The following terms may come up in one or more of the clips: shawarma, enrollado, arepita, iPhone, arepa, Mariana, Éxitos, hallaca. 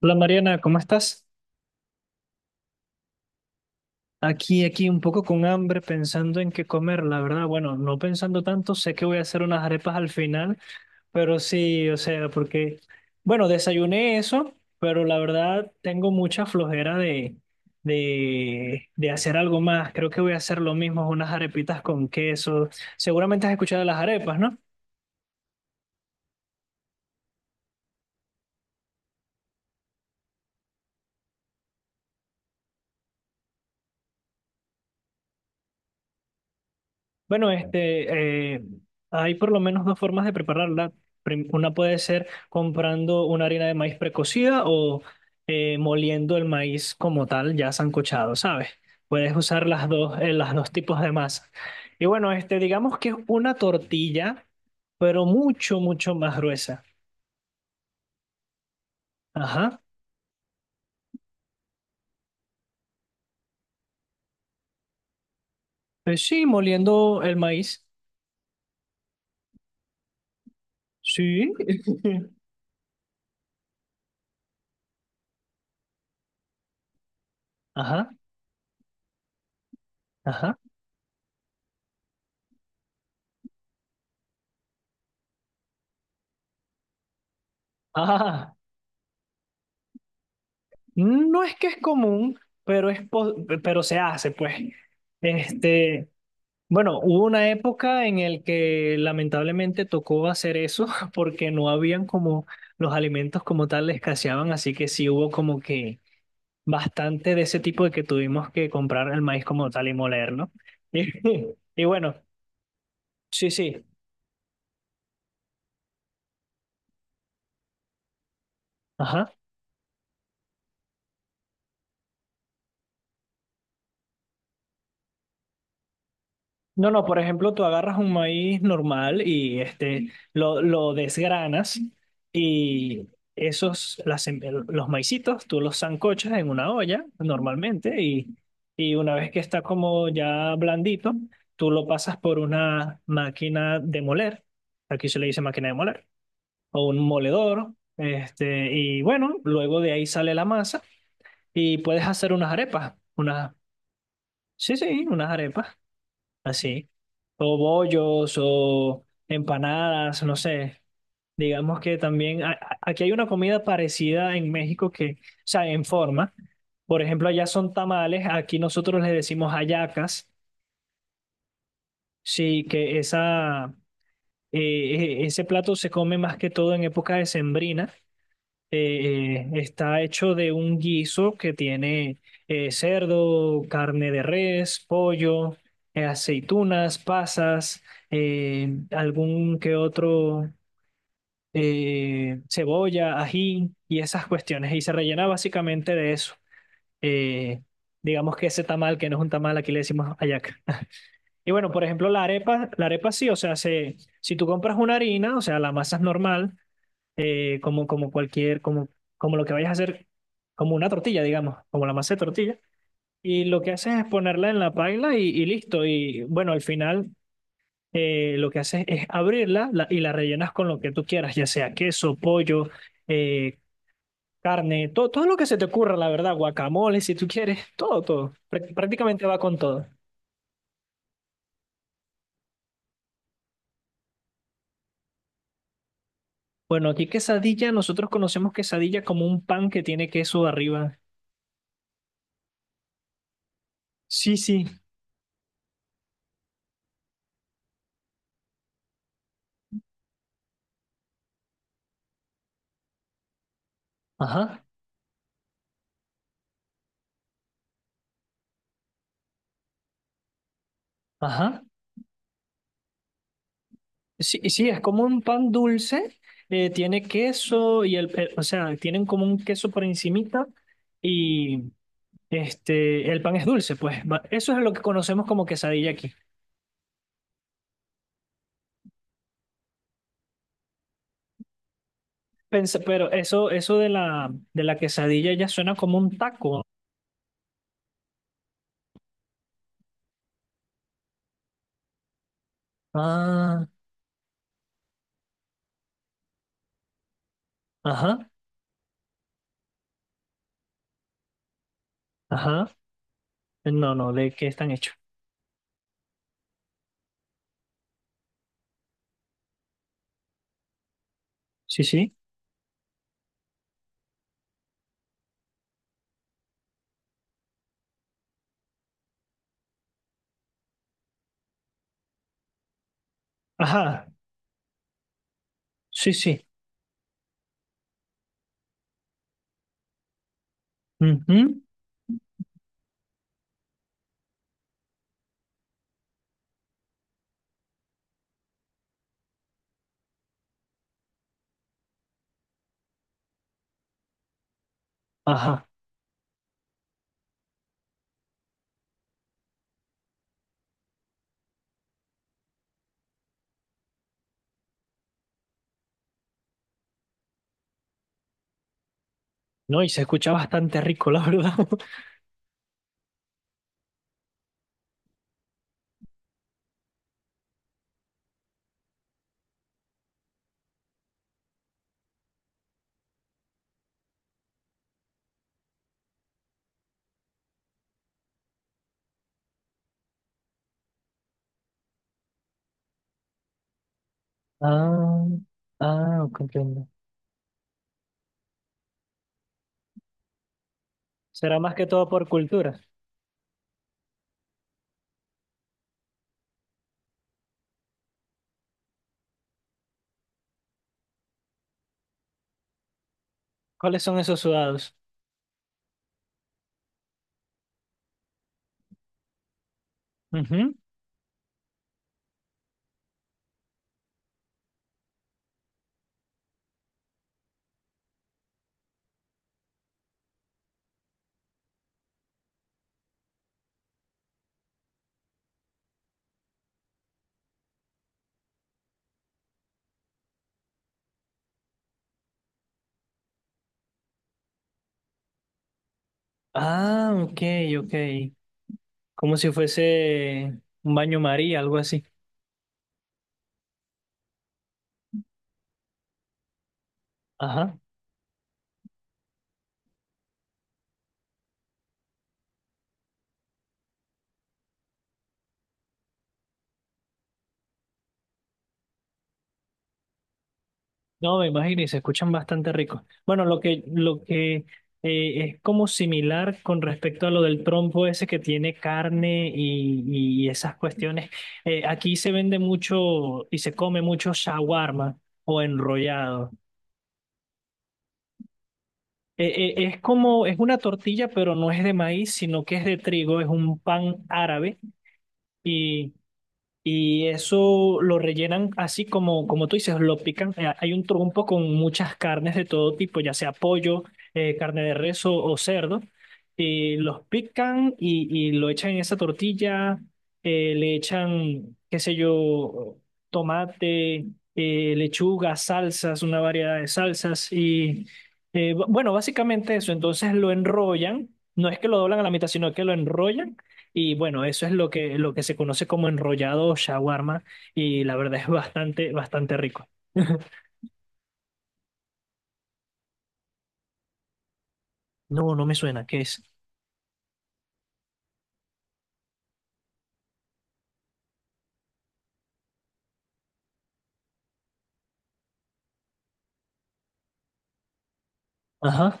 Hola Mariana, ¿cómo estás? Aquí, un poco con hambre, pensando en qué comer, la verdad. Bueno, no pensando tanto, sé que voy a hacer unas arepas al final, pero sí, o sea, porque, bueno, desayuné eso, pero la verdad tengo mucha flojera de hacer algo más. Creo que voy a hacer lo mismo, unas arepitas con queso. Seguramente has escuchado de las arepas, ¿no? Bueno, hay por lo menos dos formas de prepararla. Una puede ser comprando una harina de maíz precocida o moliendo el maíz como tal, ya sancochado, ¿sabes? Puedes usar las dos tipos de masa. Y bueno, este, digamos que es una tortilla, pero mucho más gruesa. Ajá. Pues sí, moliendo el maíz. Sí. Ajá, ajá. Ah. No es que es común, pero, pero se hace, pues. Este, bueno, hubo una época en el que lamentablemente tocó hacer eso porque no habían como los alimentos como tal escaseaban, así que sí hubo como que bastante de ese tipo de que tuvimos que comprar el maíz como tal y molerlo. Y, y bueno, sí, sí, ajá. No, no, por ejemplo, tú agarras un maíz normal y este, lo desgranas y esos, los maicitos, tú los sancochas en una olla normalmente y una vez que está como ya blandito, tú lo pasas por una máquina de moler, aquí se le dice máquina de moler, o un moledor, este, y bueno, luego de ahí sale la masa y puedes hacer unas arepas, unas, sí, sí, unas arepas así. O bollos o empanadas, no sé. Digamos que también aquí hay una comida parecida en México que, o sea, en forma. Por ejemplo, allá son tamales, aquí nosotros le decimos hallacas. Sí, que esa, ese plato se come más que todo en época decembrina, está hecho de un guiso que tiene cerdo, carne de res, pollo, aceitunas, pasas, algún que otro, cebolla, ají y esas cuestiones. Y se rellena básicamente de eso. Eh, digamos que ese tamal, que no es un tamal, aquí le decimos hallaca. Y bueno, por ejemplo, la arepa sí, o sea, se, si tú compras una harina, o sea, la masa es normal, como, como cualquier, como, como lo que vayas a hacer, como una tortilla, digamos, como la masa de tortilla. Y lo que haces es ponerla en la paila y listo. Y bueno, al final lo que haces es y la rellenas con lo que tú quieras, ya sea queso, pollo, eh, carne, todo, todo lo que se te ocurra, la verdad, guacamole, si tú quieres, todo, todo. Prácticamente va con todo. Bueno, aquí quesadilla, nosotros conocemos quesadilla como un pan que tiene queso arriba. Sí, sí. Ajá, ajá. Sí, sí, es como un pan dulce, tiene queso y o sea, tienen como un queso por encimita y este, el pan es dulce, pues eso es lo que conocemos como quesadilla aquí. Pero eso de la quesadilla ya suena como un taco. Ah, ajá, ajá. No, no, ¿de qué están hechos? Sí, sí. Ajá, sí, sí. Ujú, ajá. No, y se escucha bastante rico, la verdad. Ah, ah, comprendo. Será más que todo por cultura. ¿Cuáles son esos sudados? Ujú. Ah, ok, ok. Como si fuese un baño María, algo así. Ajá. No, me imagino y se escuchan bastante ricos. Bueno, lo que es como similar con respecto a lo del trompo ese que tiene carne y esas cuestiones. Aquí se vende mucho y se come mucho shawarma o enrollado. Es como, es una tortilla, pero no es de maíz, sino que es de trigo, es un pan árabe y y eso lo rellenan así como, como tú dices, lo pican. Hay un trompo con muchas carnes de todo tipo, ya sea pollo, carne de res o cerdo. Y los pican y lo echan en esa tortilla. Le echan, qué sé yo, tomate, lechuga, salsas, una variedad de salsas. Y bueno, básicamente eso. Entonces lo enrollan. No es que lo doblan a la mitad, sino que lo enrollan y bueno, eso es lo que se conoce como enrollado o shawarma y la verdad es bastante, bastante rico. No, no me suena, ¿qué es? Ajá.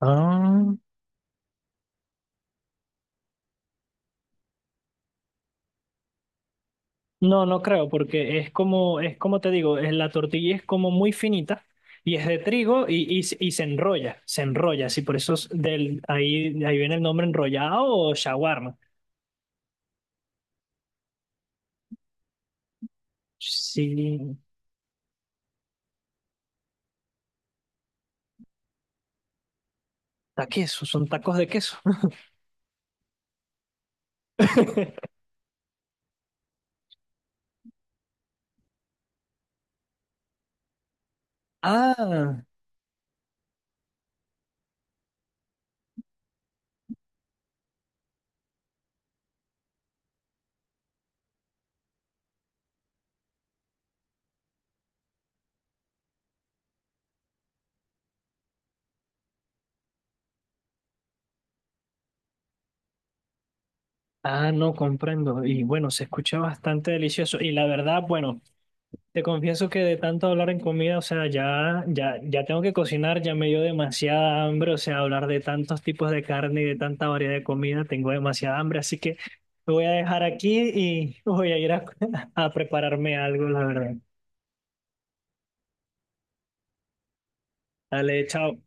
Ah. No, no creo, porque es como te digo, la tortilla es como muy finita y es de trigo y, y se enrolla, sí, por eso es del, ahí, ahí viene el nombre enrollado o shawarma. Sí, taqueso, son tacos de queso. Ah. Ah, no comprendo. Y bueno, se escucha bastante delicioso. Y la verdad, bueno, te confieso que de tanto hablar en comida, o sea, ya, ya, ya tengo que cocinar, ya me dio demasiada hambre, o sea, hablar de tantos tipos de carne y de tanta variedad de comida, tengo demasiada hambre, así que me voy a dejar aquí y voy a ir a, a prepararme algo, la verdad. Dale, chao.